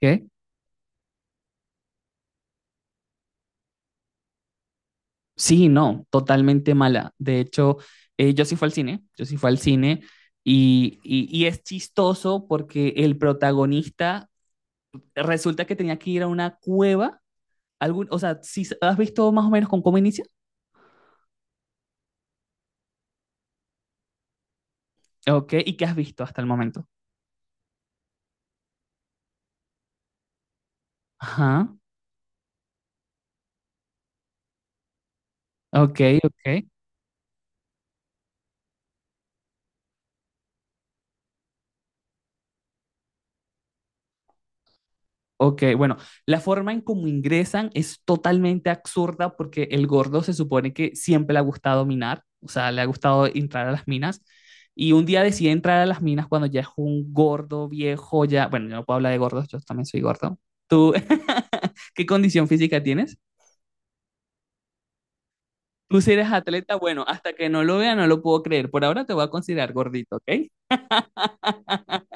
¿Qué? Sí, no, totalmente mala. De hecho, yo sí fui al cine, yo sí fui al cine y es chistoso porque el protagonista resulta que tenía que ir a una cueva. Algún, o sea, ¿si has visto más o menos con cómo inicia? Ok, ¿y qué has visto hasta el momento? Ajá, ok, ok. Ok, bueno, la forma en cómo ingresan es totalmente absurda porque el gordo se supone que siempre le ha gustado minar, o sea, le ha gustado entrar a las minas y un día decide entrar a las minas cuando ya es un gordo viejo, ya, bueno, yo no puedo hablar de gordos, yo también soy gordo. ¿Tú qué condición física tienes? Tú si eres atleta, bueno, hasta que no lo vea no lo puedo creer. Por ahora te voy a considerar gordito, ¿ok?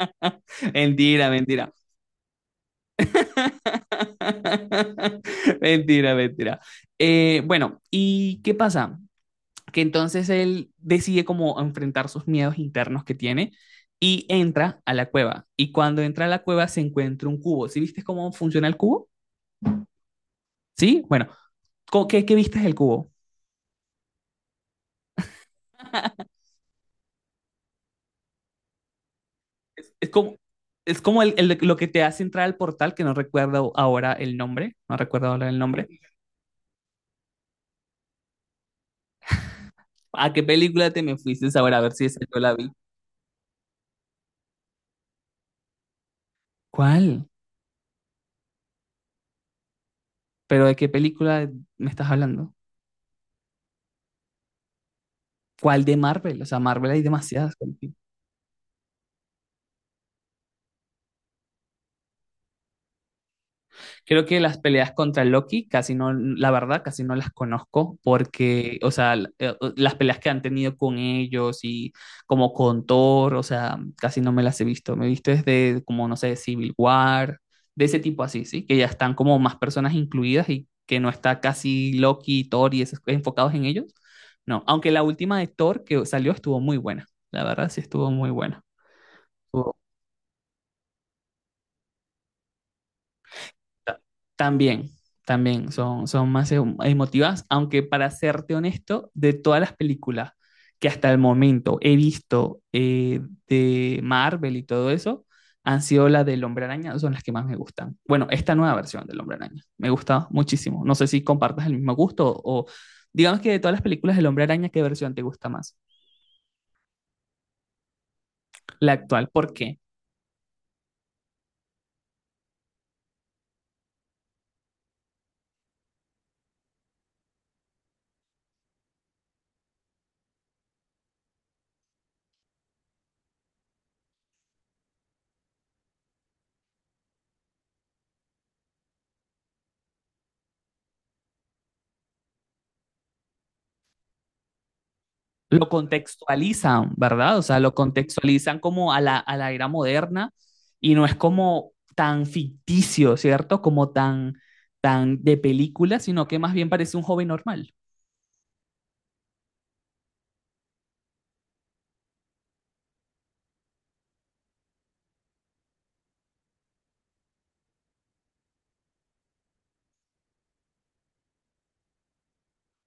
Mentira, mentira. Mentira, mentira. Bueno, ¿y qué pasa? Que entonces él decide como enfrentar sus miedos internos que tiene y entra a la cueva. Y cuando entra a la cueva se encuentra un cubo. ¿Sí viste cómo funciona el cubo? ¿Sí? Bueno, ¿qué, qué viste del cubo? Es, es como, es como lo que te hace entrar al portal, que no recuerdo ahora el nombre. No recuerdo ahora el nombre. ¿A qué película te me fuiste ahora? A ver si esa yo la vi. ¿Cuál? Pero ¿de qué película me estás hablando? ¿Cuál de Marvel? O sea, Marvel hay demasiadas. Creo que las peleas contra Loki casi no, la verdad, casi no las conozco porque, o sea, las peleas que han tenido con ellos y como con Thor, o sea, casi no me las he visto. Me he visto desde como, no sé, Civil War, de ese tipo así, ¿sí? Que ya están como más personas incluidas y que no está casi Loki, Thor y esos enfocados en ellos. No, aunque la última de Thor que salió estuvo muy buena. La verdad sí estuvo muy buena. O- ta- También, también son más emotivas, aunque para serte honesto, de todas las películas que hasta el momento he visto de Marvel y todo eso, han sido las del Hombre Araña, son las que más me gustan. Bueno, esta nueva versión del Hombre Araña me gusta muchísimo. No sé si compartas el mismo gusto o digamos que de todas las películas del Hombre Araña, ¿qué versión te gusta más? La actual, ¿por qué? Lo contextualizan, ¿verdad? O sea, lo contextualizan como a a la era moderna y no es como tan ficticio, ¿cierto? Como tan, tan de película, sino que más bien parece un joven normal.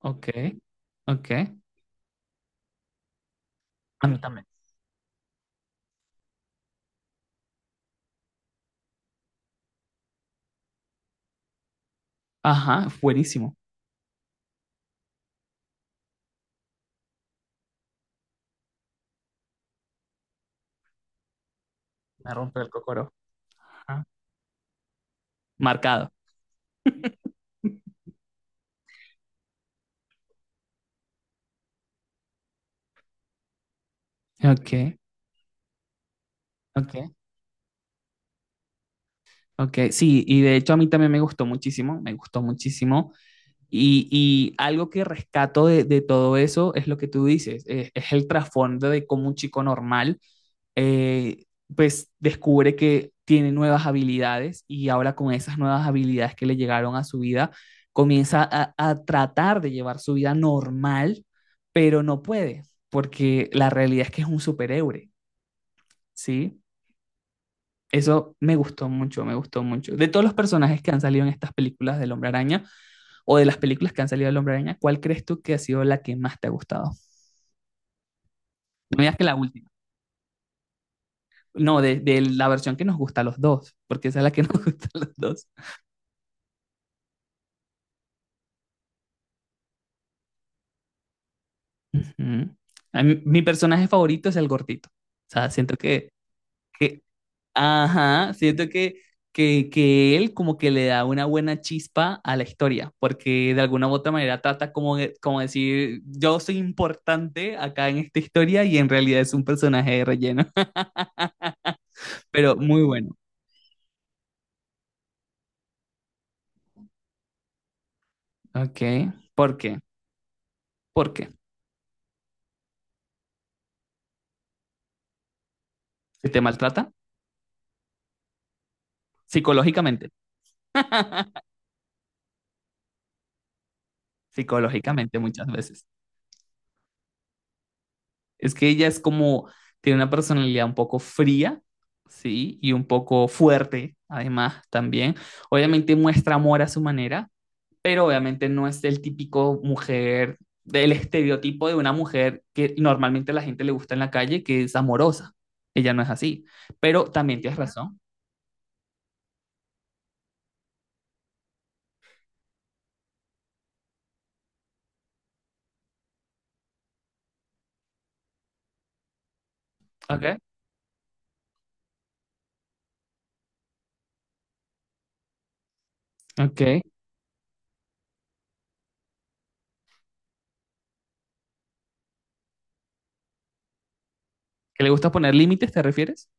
Ok, ok. A mí también. Ajá, buenísimo. Me rompe el cocoro. Ajá. Marcado. Ok, ok, ok. Sí, y de hecho a mí también me gustó muchísimo, me gustó muchísimo. Y algo que rescato todo eso es lo que tú dices, es el trasfondo de cómo un chico normal eh, pues descubre que tiene nuevas habilidades y ahora con esas nuevas habilidades que le llegaron a su vida, comienza a tratar de llevar su vida normal, pero no puede, porque la realidad es que es un superhéroe, ¿sí? Eso me gustó mucho, me gustó mucho. De todos los personajes que han salido en estas películas del Hombre Araña, o de las películas que han salido del Hombre Araña, ¿cuál crees tú que ha sido la que más te ha gustado? No digas que la última. No, de la versión que nos gusta a los dos, porque esa es la que nos gusta a los dos. Ujú. A mí- mi personaje favorito es el gordito. O sea, siento que ajá, siento que él como que le da una buena chispa a la historia, porque de alguna u otra manera trata como, de- como decir, yo soy importante acá en esta historia y en realidad es un personaje de relleno, pero muy bueno. Ok, ¿por qué? ¿Por qué? ¿Se te maltrata? Psicológicamente. Psicológicamente muchas veces. Es que ella es como, tiene una personalidad un poco fría, ¿sí? Y un poco fuerte, además, también. Obviamente muestra amor a su manera, pero obviamente no es el típico mujer, del estereotipo de una mujer que normalmente a la gente le gusta en la calle, que es amorosa. Ella no es así. Pero también tienes razón. Ok, ok. ¿Que le gusta poner límites, te refieres?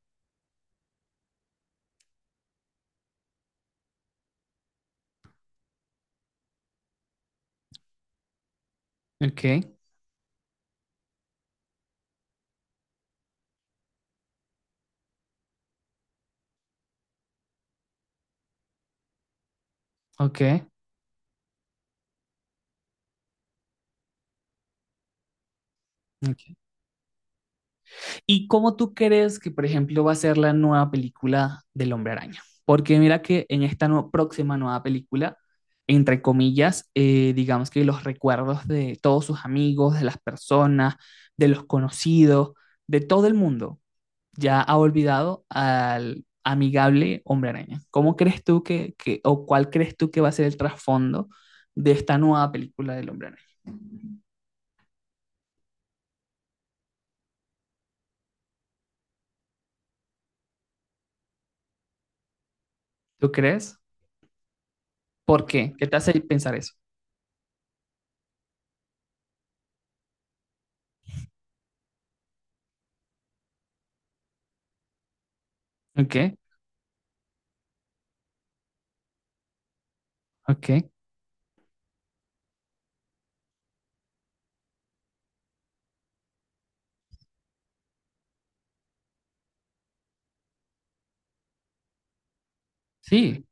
Ok, ok, ok. ¿Y cómo tú crees que, por ejemplo, va a ser la nueva película del Hombre Araña? Porque mira que en esta próxima nueva película, entre comillas, digamos que los recuerdos de todos sus amigos, de las personas, de los conocidos, de todo el mundo, ya ha olvidado al amigable Hombre Araña. ¿Cómo crees tú que o cuál crees tú que va a ser el trasfondo de esta nueva película del Hombre Araña? ¿Tú crees? ¿Por qué? ¿Qué te hace pensar eso? Ok, ok, sí.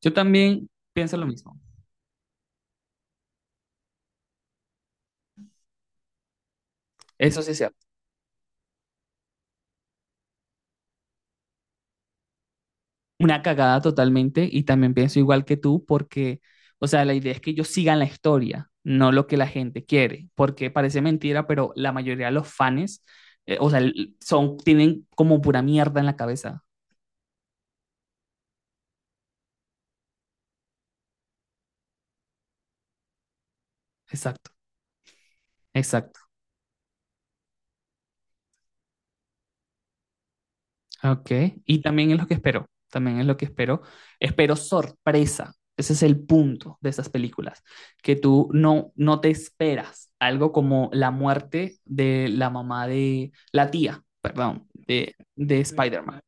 Yo también pienso lo mismo. Eso sí es cierto. Una cagada totalmente y también pienso igual que tú porque, o sea, la idea es que ellos sigan la historia, no lo que la gente quiere, porque parece mentira, pero la mayoría de los fans, o sea, son, tienen como pura mierda en la cabeza. Exacto, exacto. Ok, y también es lo que espero, también es lo que espero. Espero sorpresa, ese es el punto de esas películas, que tú no, no te esperas algo como la muerte de la mamá la tía, perdón, de Spider-Man.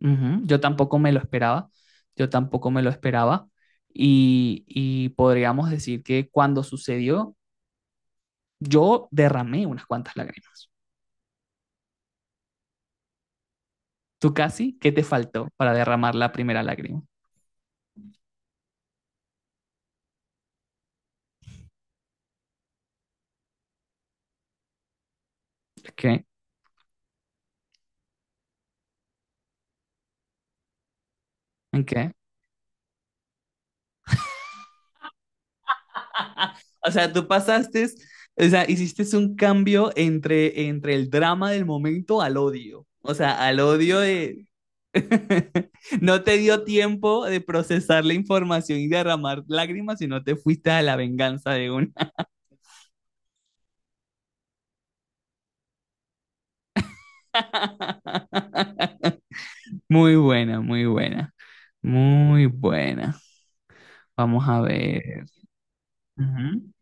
Ujú, yo tampoco me lo esperaba, yo tampoco me lo esperaba y podríamos decir que cuando sucedió, yo derramé unas cuantas lágrimas. ¿Tú casi? ¿Qué te faltó para derramar la primera lágrima? ¿Qué? ¿En qué? O sea, tú pasaste, o sea, hiciste un cambio entre, entre el drama del momento al odio. O sea, al odio de... No te dio tiempo de procesar la información y derramar lágrimas, sino te fuiste a la venganza de una. Muy buena, muy buena, muy buena. Vamos a ver. Ujú.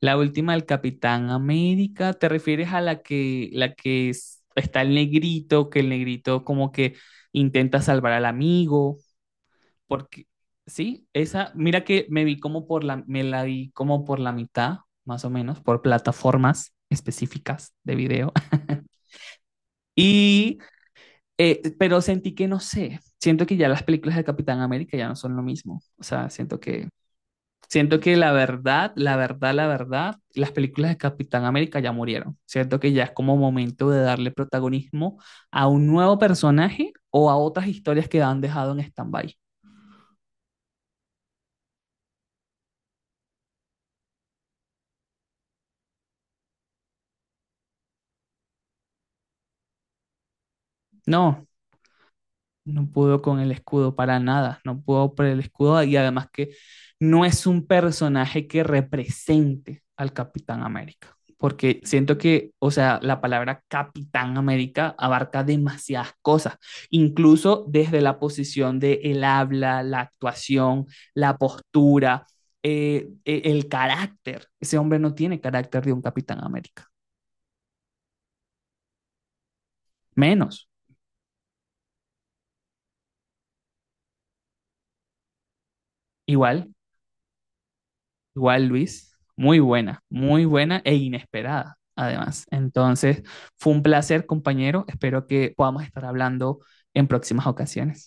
La última del Capitán América, ¿te refieres a la que está el negrito, que el negrito como que intenta salvar al amigo? Porque, sí, esa, mira que me vi como por la, me la vi como por la mitad, más o menos, por plataformas específicas de video. Y, pero sentí que no sé, siento que ya las películas de Capitán América ya no son lo mismo. O sea, siento que siento que la verdad, la verdad, la verdad, las películas de Capitán América ya murieron. Siento que ya es como momento de darle protagonismo a un nuevo personaje o a otras historias que han dejado en stand-by. No, no pudo con el escudo para nada, no pudo por el escudo y además que no es un personaje que represente al Capitán América, porque siento que, o sea, la palabra Capitán América abarca demasiadas cosas, incluso desde la posición de el habla, la actuación, la postura, el carácter. Ese hombre no tiene carácter de un Capitán América, menos. Igual, igual, Luis, muy buena e inesperada, además. Entonces, fue un placer, compañero. Espero que podamos estar hablando en próximas ocasiones.